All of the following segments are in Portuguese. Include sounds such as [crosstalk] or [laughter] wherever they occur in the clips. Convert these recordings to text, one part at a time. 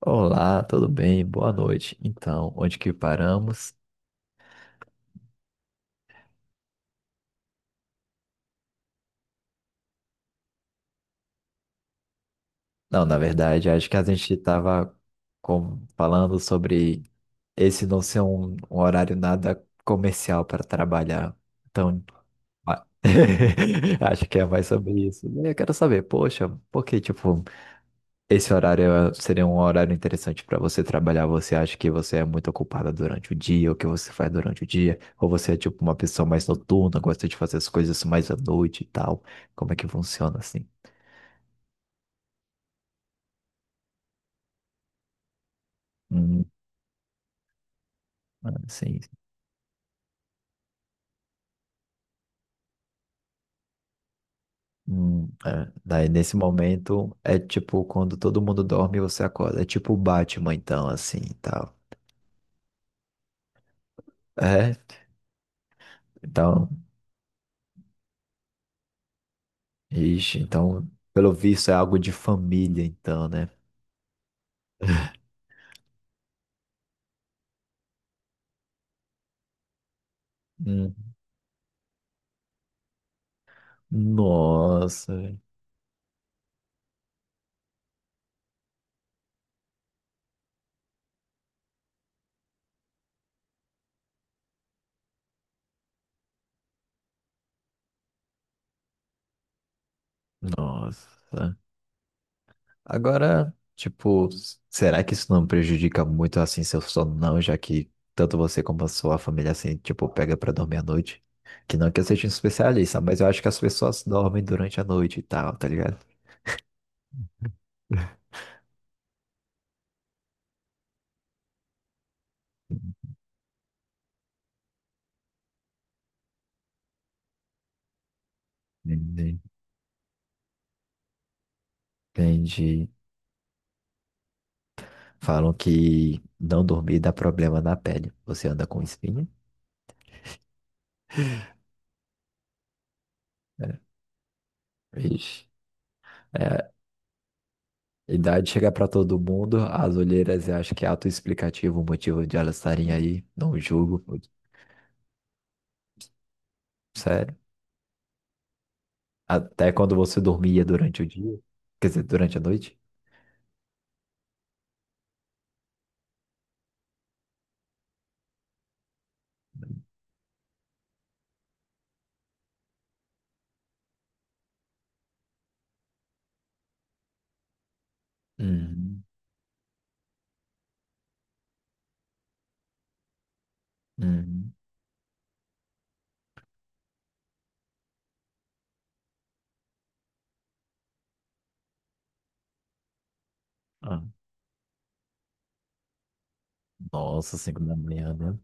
Olá, tudo bem? Boa noite. Então, onde que paramos? Não, na verdade, acho que a gente estava falando sobre esse não ser um horário nada comercial para trabalhar. Então, a- [laughs] acho que é mais sobre isso. Eu quero saber, poxa, por que, tipo, esse horário seria um horário interessante para você trabalhar. Você acha que você é muito ocupada durante o dia, o que você faz durante o dia? Ou você é tipo uma pessoa mais noturna, gosta de fazer as coisas mais à noite e tal? Como é que funciona assim? Hum, ah, sim. Sim. É. Daí nesse momento é tipo quando todo mundo dorme e você acorda. É tipo o Batman então assim e tal. É. Então, ixi, então pelo visto é algo de família então, né? Hum. Nossa. Nossa. Agora, tipo, será que isso não prejudica muito assim seu sono, não? Já que tanto você como a sua família assim, tipo, pega pra dormir à noite. Que não que eu seja um especialista, mas eu acho que as pessoas dormem durante a noite e tal, tá ligado? [laughs] Entendi. Entendi. Falam que não dormir dá problema na pele. Você anda com espinha? É. Vixe. É, idade chega pra todo mundo, as olheiras eu acho que é autoexplicativo o motivo de elas estarem aí. Não julgo, pô. Sério. Até quando você dormia durante o dia? Quer dizer, durante a noite? Uhum. Uhum. Ah, nossa, 5 da manhã, né?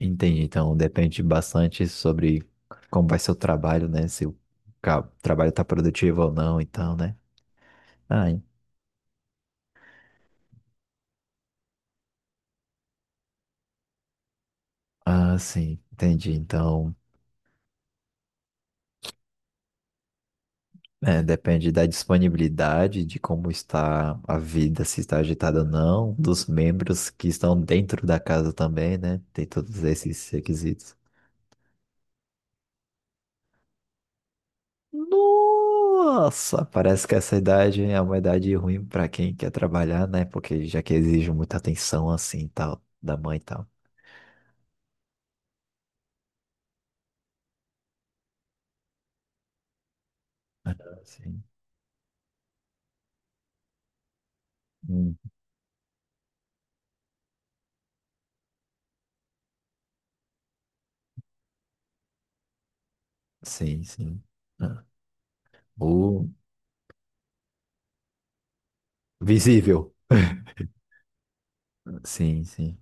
Entendi. Então, depende bastante sobre como vai ser o trabalho, né? Se o trabalho tá produtivo ou não, então, né? Ah, en- ah, sim, entendi. Então, é, depende da disponibilidade, de como está a vida, se está agitada ou não, dos membros que estão dentro da casa também, né? Tem todos esses requisitos. Nossa, parece que essa idade é uma idade ruim pra quem quer trabalhar, né? Porque já que exige muita atenção assim, tal, da mãe e tal. Sim. Hum. Sim, sim. Ah, o visível. [laughs] Sim, sim.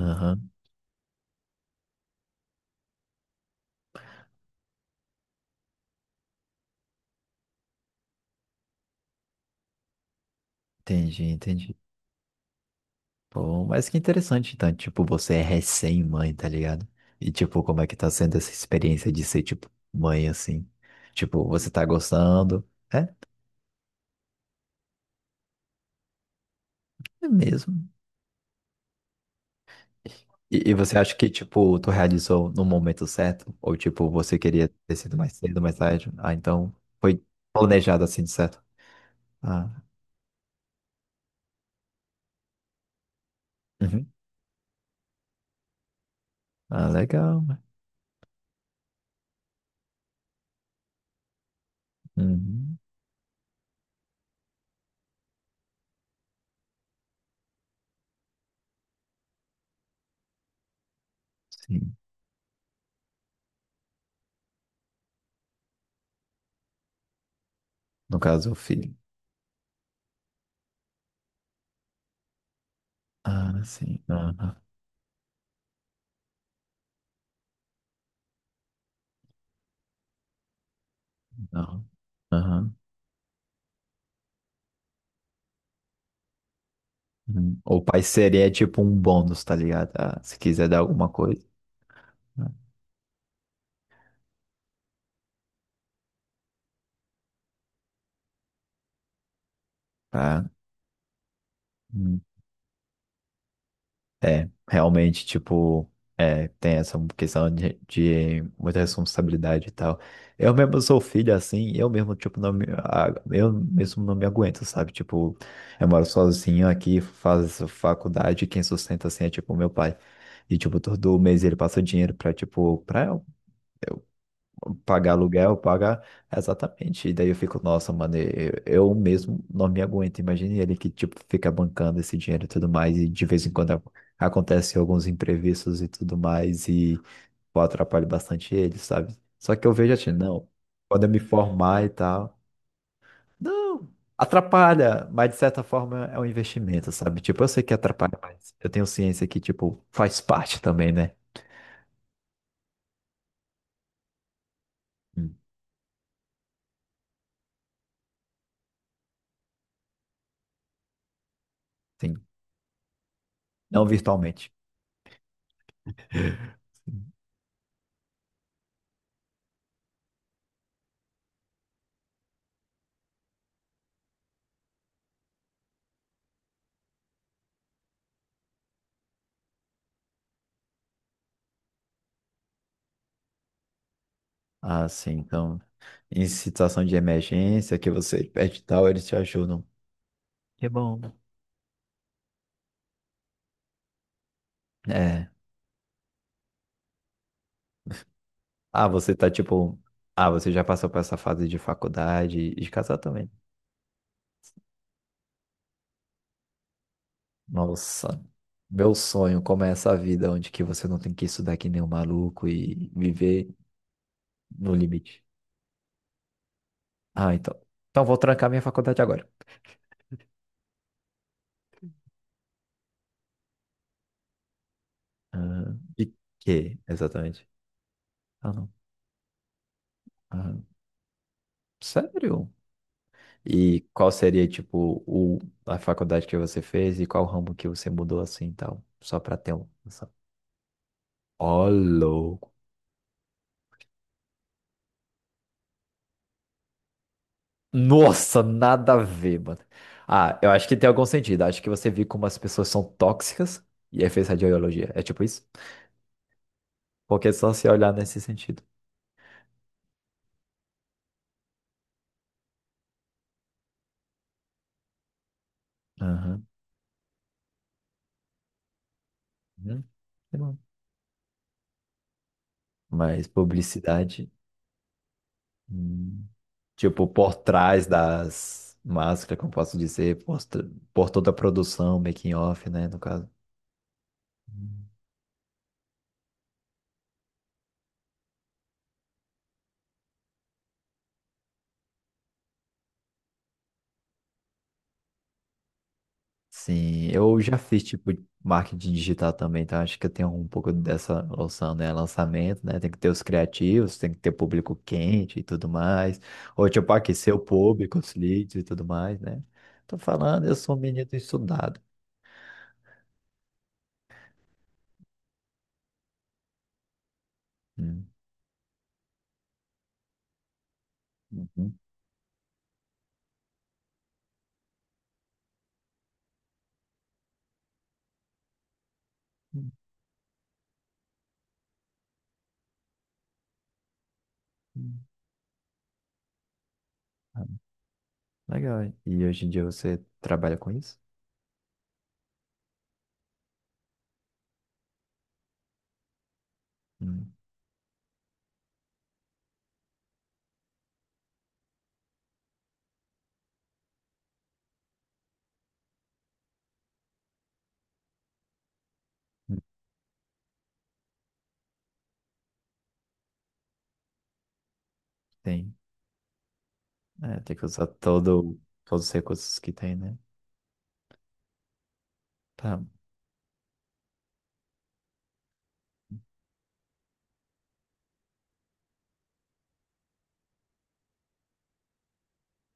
Aham. Entendi, entendi. Pô, mas que interessante, então, tipo, você é recém-mãe, tá ligado? E, tipo, como é que tá sendo essa experiência de ser, tipo, mãe, assim? Tipo, você tá gostando? É, é mesmo. E você acha que, tipo, tu realizou no momento certo? Ou, tipo, você queria ter sido mais cedo, mais tarde? Ah, então foi planejado assim, de certo? Ah, uhum. Ah, legal, né? Uhum. Sim. No caso, o filho. Ah, sim. Aham. Não. Aham. Uhum. O pai seria, tipo, um bônus, tá ligado? Ah, se quiser dar alguma coisa. Ah, tá. É, realmente, tipo, é, tem essa questão de muita responsabilidade e tal. Eu mesmo sou filho, assim, eu mesmo, tipo, não me, a- eu mesmo não me aguento, sabe? Tipo, eu moro sozinho aqui, faço faculdade, quem sustenta, assim, é, tipo, meu pai. E, tipo, todo mês ele passa dinheiro pra, tipo, pra pagar aluguel, pagar. Exatamente. E daí eu fico, nossa, mano, eu mesmo não me aguento. Imagine ele que, tipo, fica bancando esse dinheiro e tudo mais, e de vez em quando acontecem alguns imprevistos e tudo mais, e eu atrapalho bastante ele, sabe? Só que eu vejo assim, não, quando eu me formar e tal, não, atrapalha, mas de certa forma é um investimento, sabe? Tipo, eu sei que atrapalha, mas eu tenho ciência que, tipo, faz parte também, né? Hum. Sim, não virtualmente. Ah, sim. Então, em situação de emergência, que você pede tal, eles te ajudam. Que bom. É. Ah, você tá tipo. Ah, você já passou por essa fase de faculdade e de casar também. Nossa, meu sonho, como é essa vida onde que você não tem que estudar que nem um maluco e viver no limite. Ah, então. Então vou trancar minha faculdade agora. Ah, e que, exatamente? Ah, não. Ah, sério? E qual seria, tipo, o, a faculdade que você fez e qual ramo que você mudou assim e tal? Só pra ter uma noção. Ó, louco. Nossa, nada a ver, mano. Ah, eu acho que tem algum sentido. Acho que você viu como as pessoas são tóxicas e aí fez radiologia. É tipo isso? Porque é só se olhar nesse sentido. Aham. Uhum. Tá bom. Mas publicidade, hum, tipo, por trás das máscaras, como posso dizer, por toda a produção, making off, né, no caso. Sim, eu já fiz tipo marketing digital também, então acho que eu tenho um pouco dessa noção, né? Lançamento, né? Tem que ter os criativos, tem que ter público quente e tudo mais. Ou tipo, aquecer o público, os leads e tudo mais, né? Tô falando, eu sou um menino estudado. Hum. Uhum. Uhum. Uhum. Ah, legal, hein? E hoje em dia você trabalha com isso? Hum. Hum. Tem. É, tem que usar todo, todos os recursos que tem, né? Tá.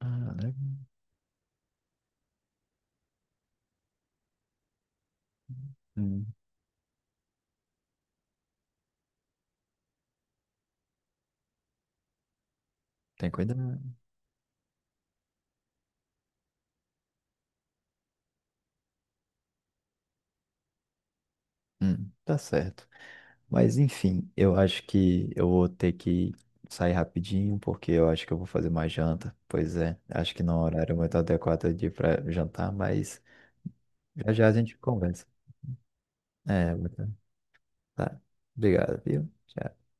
Ah, legal. Hum. Tem cuidado. Tá certo. Mas enfim, eu acho que eu vou ter que sair rapidinho, porque eu acho que eu vou fazer uma janta. Pois é, acho que não é um horário muito adequado de ir para jantar, mas já já a gente conversa. É, tá. Obrigado, viu? Tchau.